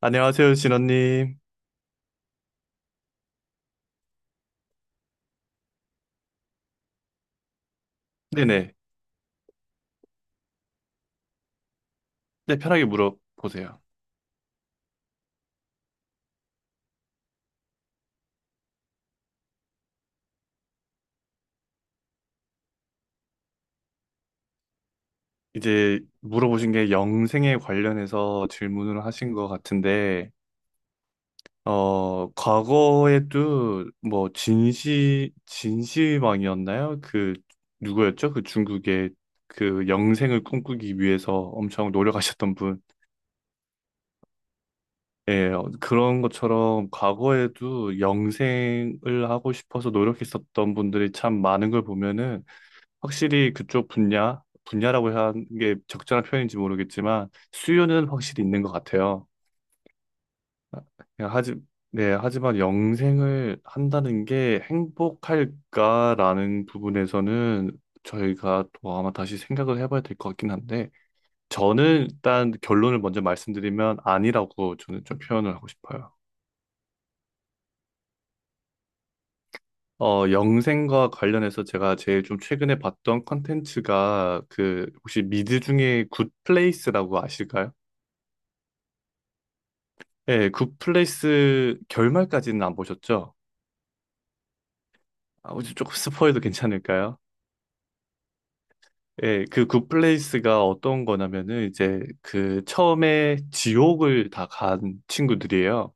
안녕하세요, 진원님. 네네. 네, 편하게 물어보세요. 이제 물어보신 게 영생에 관련해서 질문을 하신 것 같은데, 과거에도 뭐 진시황이었나요? 누구였죠? 그 중국의 그 영생을 꿈꾸기 위해서 엄청 노력하셨던 분. 예, 그런 것처럼 과거에도 영생을 하고 싶어서 노력했었던 분들이 참 많은 걸 보면은 확실히 그쪽 분야라고 해야 하는 게 적절한 표현인지 모르겠지만 수요는 확실히 있는 것 같아요. 야, 하지, 네, 하지만 영생을 한다는 게 행복할까라는 부분에서는 저희가 또 아마 다시 생각을 해봐야 될 것 같긴 한데 저는 일단 결론을 먼저 말씀드리면 아니라고 저는 좀 표현을 하고 싶어요. 영생과 관련해서 제가 제일 좀 최근에 봤던 컨텐츠가 그 혹시 미드 중에 굿플레이스라고 아실까요? 예, 굿플레이스 결말까지는 안 보셨죠? 아, 혹시 조금 스포해도 괜찮을까요? 예, 그 굿플레이스가 어떤 거냐면은 이제 그 처음에 지옥을 다 간 친구들이에요.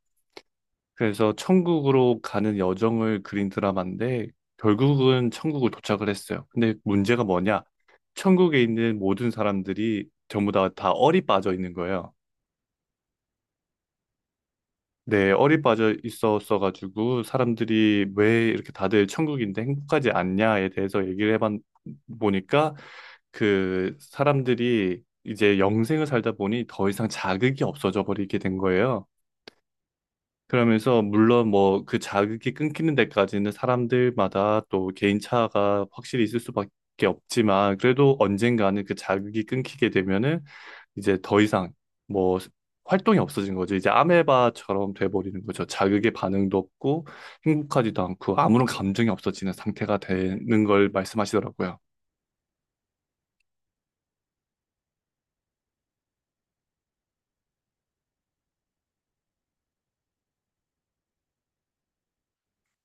그래서 천국으로 가는 여정을 그린 드라마인데 결국은 천국을 도착을 했어요. 근데 문제가 뭐냐? 천국에 있는 모든 사람들이 전부 다 얼이 빠져 있는 거예요. 네, 얼이 빠져 있었어가지고 사람들이 왜 이렇게 다들 천국인데 행복하지 않냐에 대해서 얘기를 해봤 보니까 그 사람들이 이제 영생을 살다 보니 더 이상 자극이 없어져 버리게 된 거예요. 그러면서 물론 뭐 그 자극이 끊기는 데까지는 사람들마다 또 개인차가 확실히 있을 수밖에 없지만 그래도 언젠가는 그 자극이 끊기게 되면은 이제 더 이상 뭐 활동이 없어진 거죠. 이제 아메바처럼 돼버리는 거죠. 자극의 반응도 없고 행복하지도 않고 아무런 감정이 없어지는 상태가 되는 걸 말씀하시더라고요.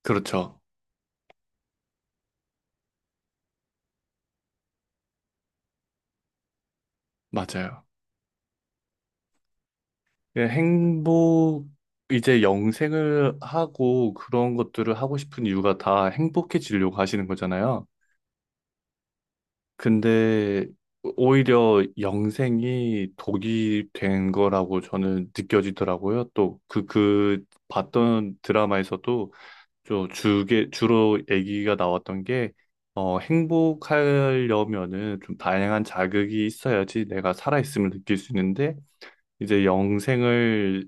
그렇죠. 맞아요. 예, 이제 영생을 하고 그런 것들을 하고 싶은 이유가 다 행복해지려고 하시는 거잖아요. 근데 오히려 영생이 독이 된 거라고 저는 느껴지더라고요. 또 그 봤던 드라마에서도 주로 얘기가 나왔던 게 행복하려면은 좀 다양한 자극이 있어야지 내가 살아있음을 느낄 수 있는데 이제 영생을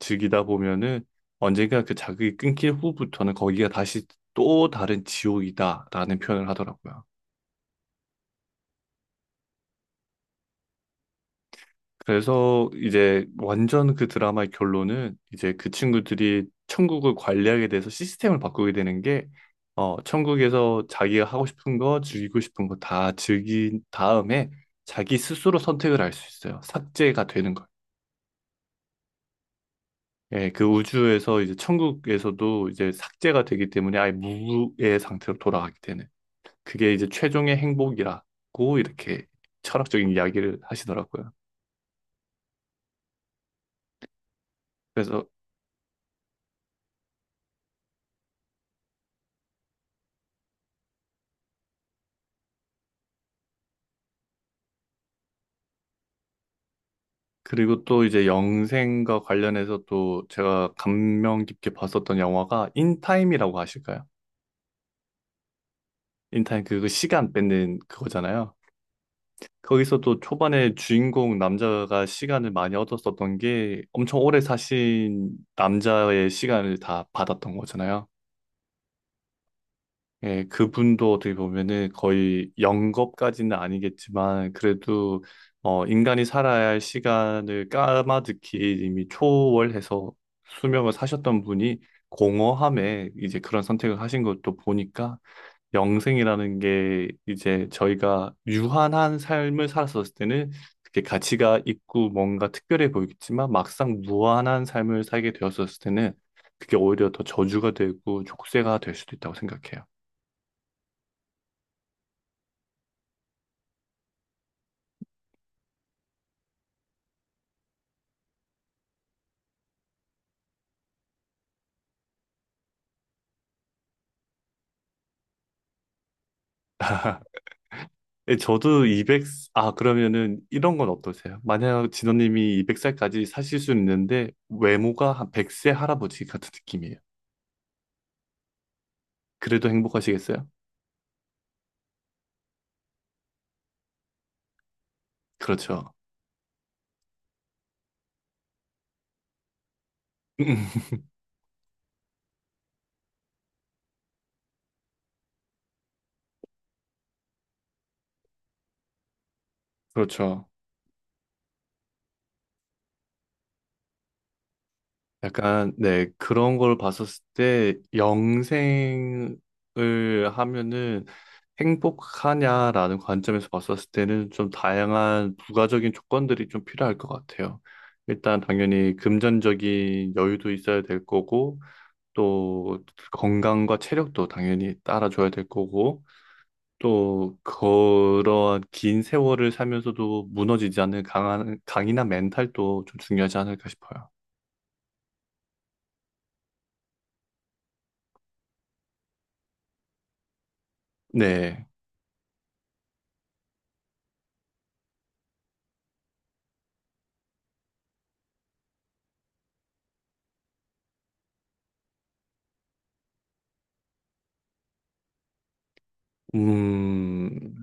즐기다 보면은 언젠가 그 자극이 끊길 후부터는 거기가 다시 또 다른 지옥이다라는 표현을 하더라고요. 그래서 이제 완전 그 드라마의 결론은 이제 그 친구들이 천국을 관리하게 돼서 시스템을 바꾸게 되는 게 천국에서 자기가 하고 싶은 거, 즐기고 싶은 거 다 즐긴 다음에 자기 스스로 선택을 할 수 있어요. 삭제가 되는 거예요. 예, 그 우주에서 이제 천국에서도 이제 삭제가 되기 때문에 아예 무의 상태로 돌아가게 되는 그게 이제 최종의 행복이라고 이렇게 철학적인 이야기를 하시더라고요. 그래서 그리고 또 이제 영생과 관련해서 또 제가 감명 깊게 봤었던 영화가 인타임이라고 아실까요? 인타임 그거 시간 뺏는 그거잖아요. 거기서도 초반에 주인공 남자가 시간을 많이 얻었었던 게 엄청 오래 사신 남자의 시간을 다 받았던 거잖아요. 예, 그분도 어떻게 보면은 거의 영겁까지는 아니겠지만 그래도 인간이 살아야 할 시간을 까마득히 이미 초월해서 수명을 사셨던 분이 공허함에 이제 그런 선택을 하신 것도 보니까 영생이라는 게 이제 저희가 유한한 삶을 살았었을 때는 그게 가치가 있고 뭔가 특별해 보이겠지만 막상 무한한 삶을 살게 되었었을 때는 그게 오히려 더 저주가 되고 족쇄가 될 수도 있다고 생각해요. 예, 아, 그러면은 이런 건 어떠세요? 만약 진호님이 200살까지 사실 수는 있는데 외모가 한 100세 할아버지 같은 느낌이에요. 그래도 행복하시겠어요? 그렇죠. 그렇죠. 약간, 네, 그런 걸 봤었을 때 영생을 하면은 행복하냐라는 관점에서 봤었을 때는 좀 다양한 부가적인 조건들이 좀 필요할 것 같아요. 일단 당연히 금전적인 여유도 있어야 될 거고, 또 건강과 체력도 당연히 따라줘야 될 거고 또 그러한 긴 세월을 살면서도 무너지지 않는 강한 강인한 멘탈도 좀 중요하지 않을까 싶어요. 네. 음.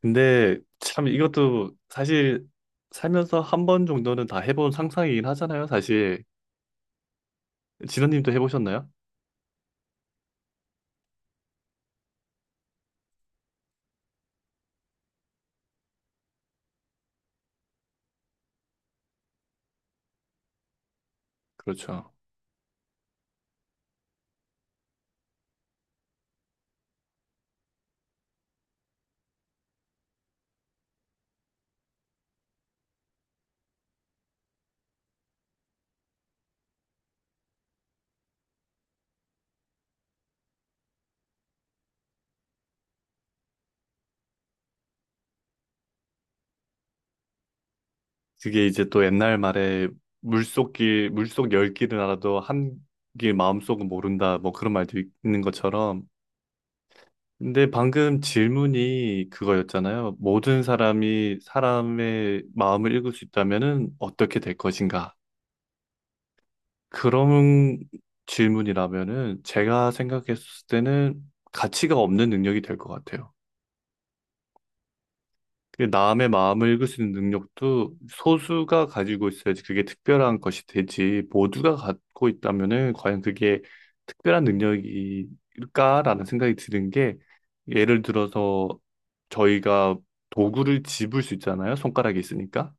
근데 참 이것도 사실 살면서 한 번 정도는 다 해본 상상이긴 하잖아요, 사실. 진원님도 해보셨나요? 그렇죠. 그게 이제 또 옛날 말에 물속 열 길은 알아도 한길 마음속은 모른다. 뭐 그런 말도 있는 것처럼. 근데 방금 질문이 그거였잖아요. 모든 사람이 사람의 마음을 읽을 수 있다면은 어떻게 될 것인가? 그런 질문이라면은 제가 생각했을 때는 가치가 없는 능력이 될 것 같아요. 그 남의 마음을 읽을 수 있는 능력도 소수가 가지고 있어야지 그게 특별한 것이 되지. 모두가 갖고 있다면은 과연 그게 특별한 능력일까라는 생각이 드는 게 예를 들어서 저희가 도구를 집을 수 있잖아요. 손가락이 있으니까.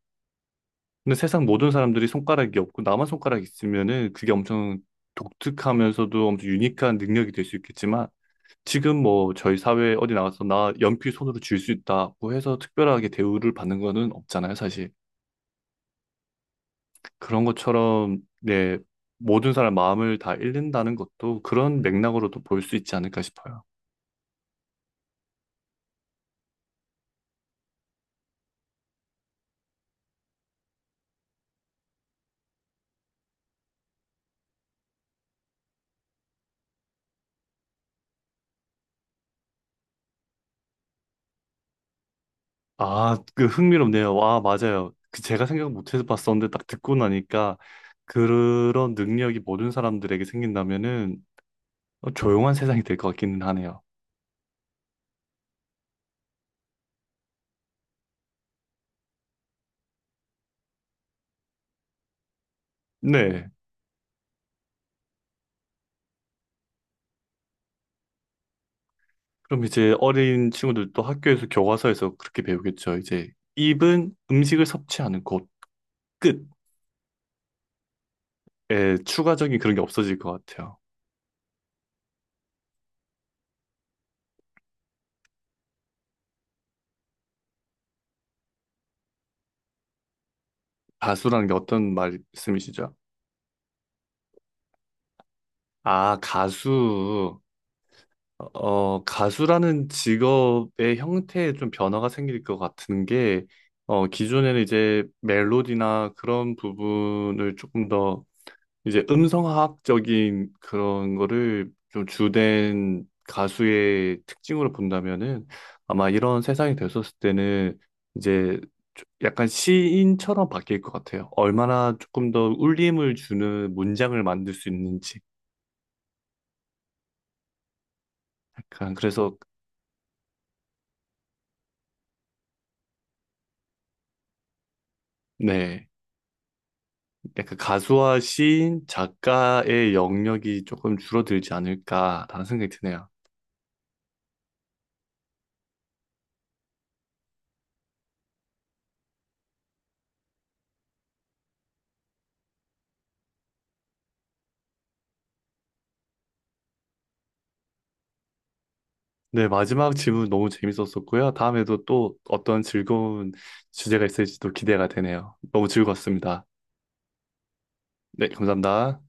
근데 세상 모든 사람들이 손가락이 없고 나만 손가락이 있으면은 그게 엄청 독특하면서도 엄청 유니크한 능력이 될 수 있겠지만 지금 뭐 저희 사회 어디 나가서 나 연필 손으로 쥘 수 있다고 해서 특별하게 대우를 받는 거는 없잖아요, 사실. 그런 것처럼 네, 모든 사람 마음을 다 잃는다는 것도 그런 맥락으로도 볼 수 있지 않을까 싶어요. 아, 그 흥미롭네요. 와, 맞아요. 그 제가 생각 못해서 봤었는데 딱 듣고 나니까 그런 능력이 모든 사람들에게 생긴다면은 조용한 세상이 될 것 같기는 하네요. 네. 그럼 이제 어린 친구들도 학교에서 교과서에서 그렇게 배우겠죠. 이제 입은 음식을 섭취하는 곳, 끝에 추가적인 그런 게 없어질 것 같아요. 가수라는 게 어떤 말씀이시죠? 아, 가수. 가수라는 직업의 형태에 좀 변화가 생길 것 같은 게, 기존에는 이제 멜로디나 그런 부분을 조금 더 이제 음성학적인 그런 거를 좀 주된 가수의 특징으로 본다면은 아마 이런 세상이 됐었을 때는 이제 약간 시인처럼 바뀔 것 같아요. 얼마나 조금 더 울림을 주는 문장을 만들 수 있는지. 약간 그래서 네. 약간 가수와 시인, 작가의 영역이 조금 줄어들지 않을까라는 생각이 드네요. 네, 마지막 질문 너무 재밌었었고요. 다음에도 또 어떤 즐거운 주제가 있을지도 기대가 되네요. 너무 즐거웠습니다. 네, 감사합니다.